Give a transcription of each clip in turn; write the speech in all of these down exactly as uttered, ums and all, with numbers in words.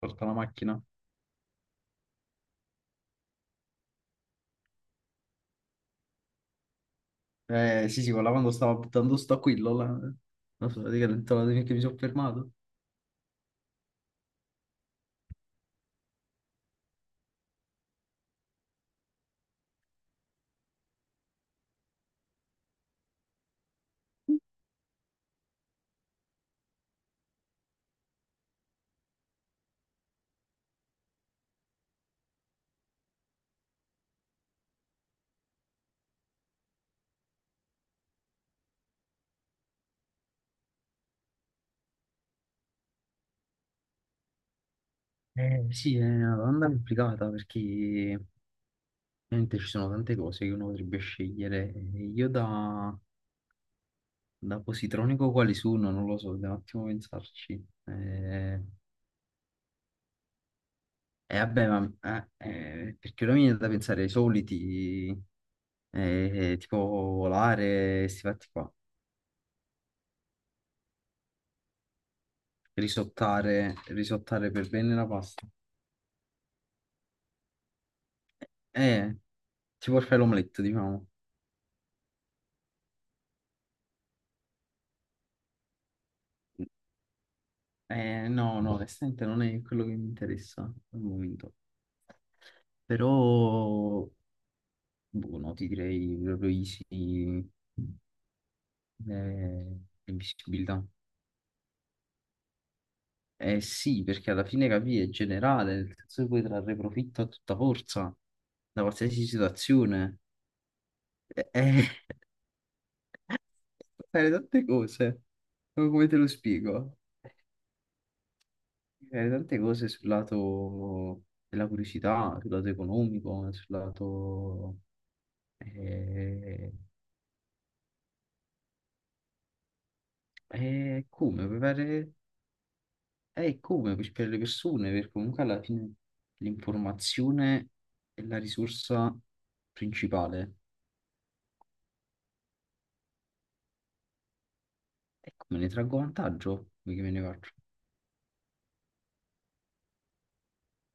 Porta la macchina. Eh, sì, sì, quella quando stavo buttando sto aquillo, là, non so, praticamente la che mi sono fermato. Eh, sì, è una domanda complicata perché ovviamente ci sono tante cose che uno potrebbe scegliere. Eh, Io da, da positronico quali sono? Non lo so, devo un attimo pensarci. Eh, eh, vabbè, ma eh, eh, perché ora mi viene da pensare ai soliti, eh, tipo volare, questi fatti qua, risottare, risottare per bene la pasta. Eh. Tipo il fai l'omelette, diciamo. Eh, no, no, onestamente non è quello che mi interessa al momento. Però, boh, no, ti direi proprio easy, eh, l'invisibilità. Eh sì, perché alla fine capì, è generale, nel senso che puoi trarre profitto a tutta forza da qualsiasi situazione. Eh, eh, fare tante cose. Come te lo spiego? Eh, tante cose sul lato della curiosità, sul lato economico, sul lato... eh, eh, come, per fare- eh, come per per le persone, perché comunque alla fine l'informazione è la risorsa principale. E come ne traggo vantaggio? Come che me ne faccio?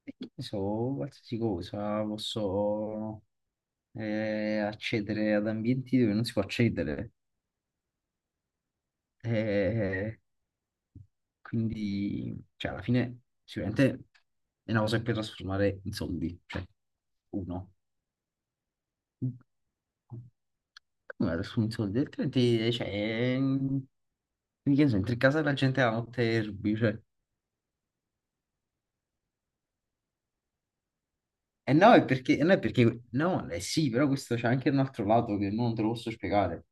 E che ne so, qualsiasi cosa, posso eh, accedere ad ambienti dove non si può accedere. Eh, Quindi, cioè, alla fine, sicuramente è una cosa che puoi trasformare in soldi, cioè, uno. Come la trasformi in soldi? Altrimenti, cioè, mm, che ne so, entri in casa della gente la notte e rubi, cioè. E no, è perché, no, è perché, no, eh sì, però questo c'è anche un altro lato che non te lo posso spiegare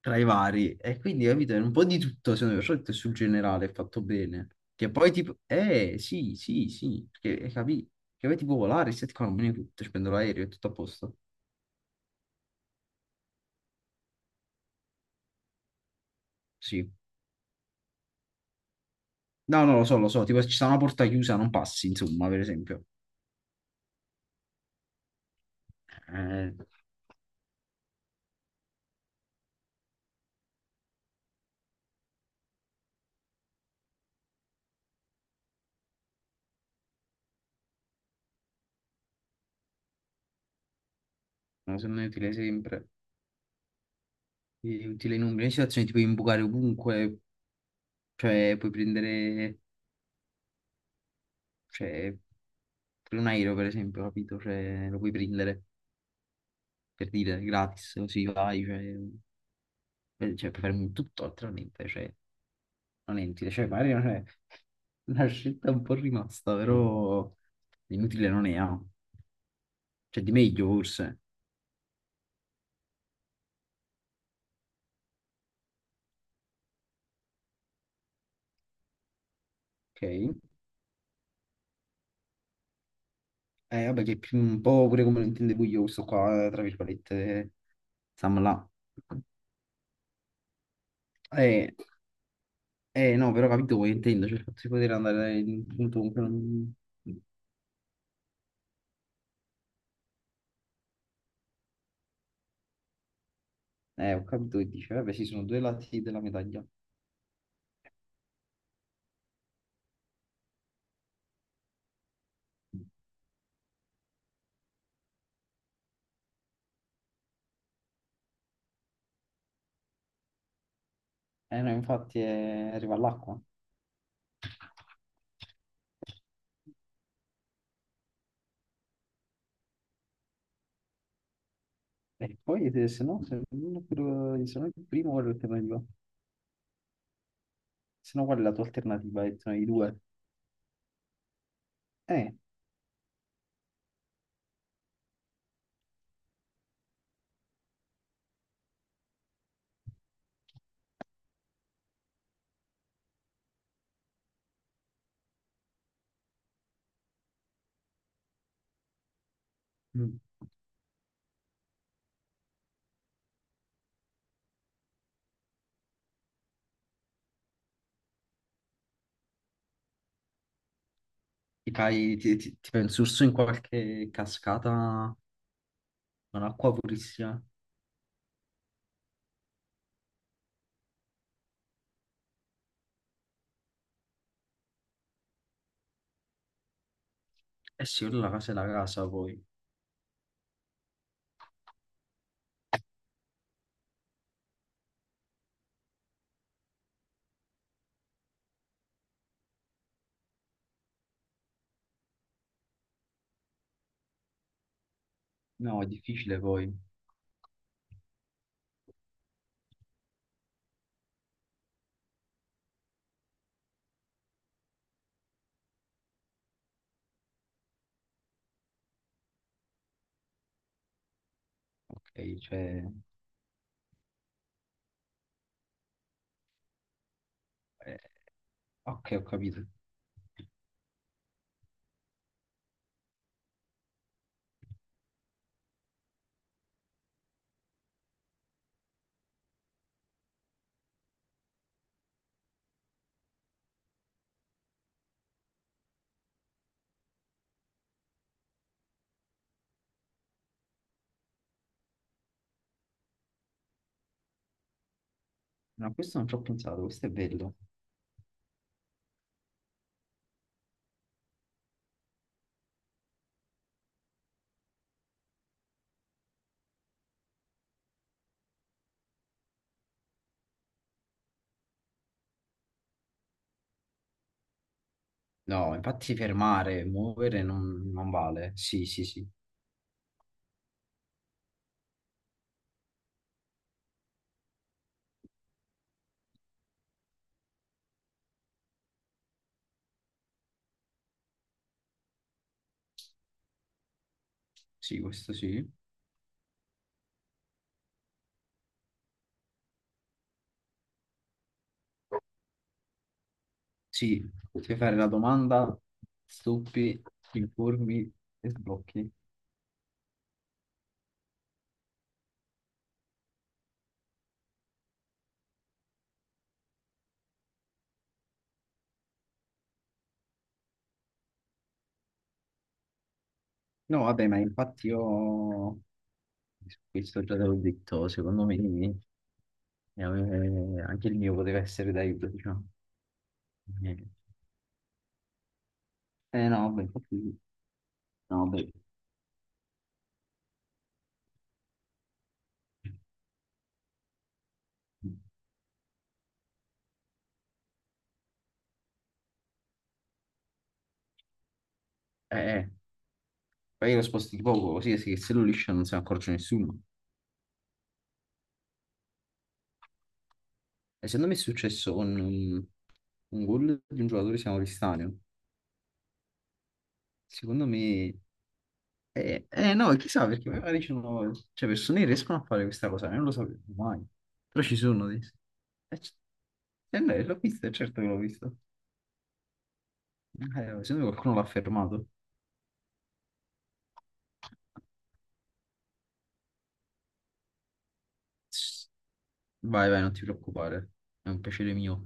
tra i vari. E quindi, capito, è un po' di tutto, secondo me, soprattutto sul generale è fatto bene. Che poi tipo, eh, sì, sì, sì, perché eh, capì, che poi tipo volare, stai qua, non me ne tutto, ci prendo l'aereo, è tutto a posto. Sì. No, no, lo so, lo so, tipo se ci sta una porta chiusa, non passi, insomma, per esempio. Eh, no, secondo me è utile sempre, è utile in un- in una situazione, ti puoi imbucare ovunque, cioè puoi prendere, cioè, per un aereo, per esempio, capito? Cioè, lo puoi prendere, per dire, gratis, così vai, cioè... Vedi, cioè, puoi fare un tutto altrimenti, cioè, non è inutile. Cioè, magari non è una scelta un po' rimasta, però inutile non è, ah. Cioè, di meglio forse, ok? Eh, vabbè, che è più un po' pure come lo intendevo io questo qua, eh, tra virgolette, stiamo là. Eh, eh, no, però ho capito quello che intendo, cioè, il fatto di poter andare in un punto comunque non... Eh, ho capito che dice, vabbè, sì, sono due lati della medaglia. Eh, no, infatti eh, arriva all'acqua. E poi se, se no, se, uno per- eh, se no il primo qual è l'alternativa? Se no qual è la tua alternativa? E sono i due. Eh, mm. Ti fai, ti, ti, ti fai un sorso in qualche cascata con acqua purissima. Eh sì, ora la casa è la casa poi. No, è difficile poi. Ok, cioè... eh, ok, ho capito. No, questo non ci ho pensato, questo è bello. No, infatti fermare, muovere non, non vale. Sì, sì, sì. Sì, questo sì. Sì, puoi fare la domanda, stupi, informi e sblocchi. No, vabbè, ma infatti io su questo già te l'ho detto, secondo me eh, anche il mio poteva essere d'aiuto, diciamo. Eh eh, no, vabbè, infatti sì. No, vabbè. Eh, eh, poi lo sposti di poco, così se se lo liscia non se ne accorge nessuno. E secondo me è successo con un, un gol di un giocatore che si chiama Cristiano. Secondo me Eh, eh, no, chissà perché magari ci sono, cioè, persone che riescono a fare questa cosa, io non lo sapevo mai, però ci sono di... Eh, c- eh, no, l'ho visto, certo che l'ho visto. Eh, secondo me qualcuno l'ha fermato. Vai, vai, non ti preoccupare, è un piacere mio.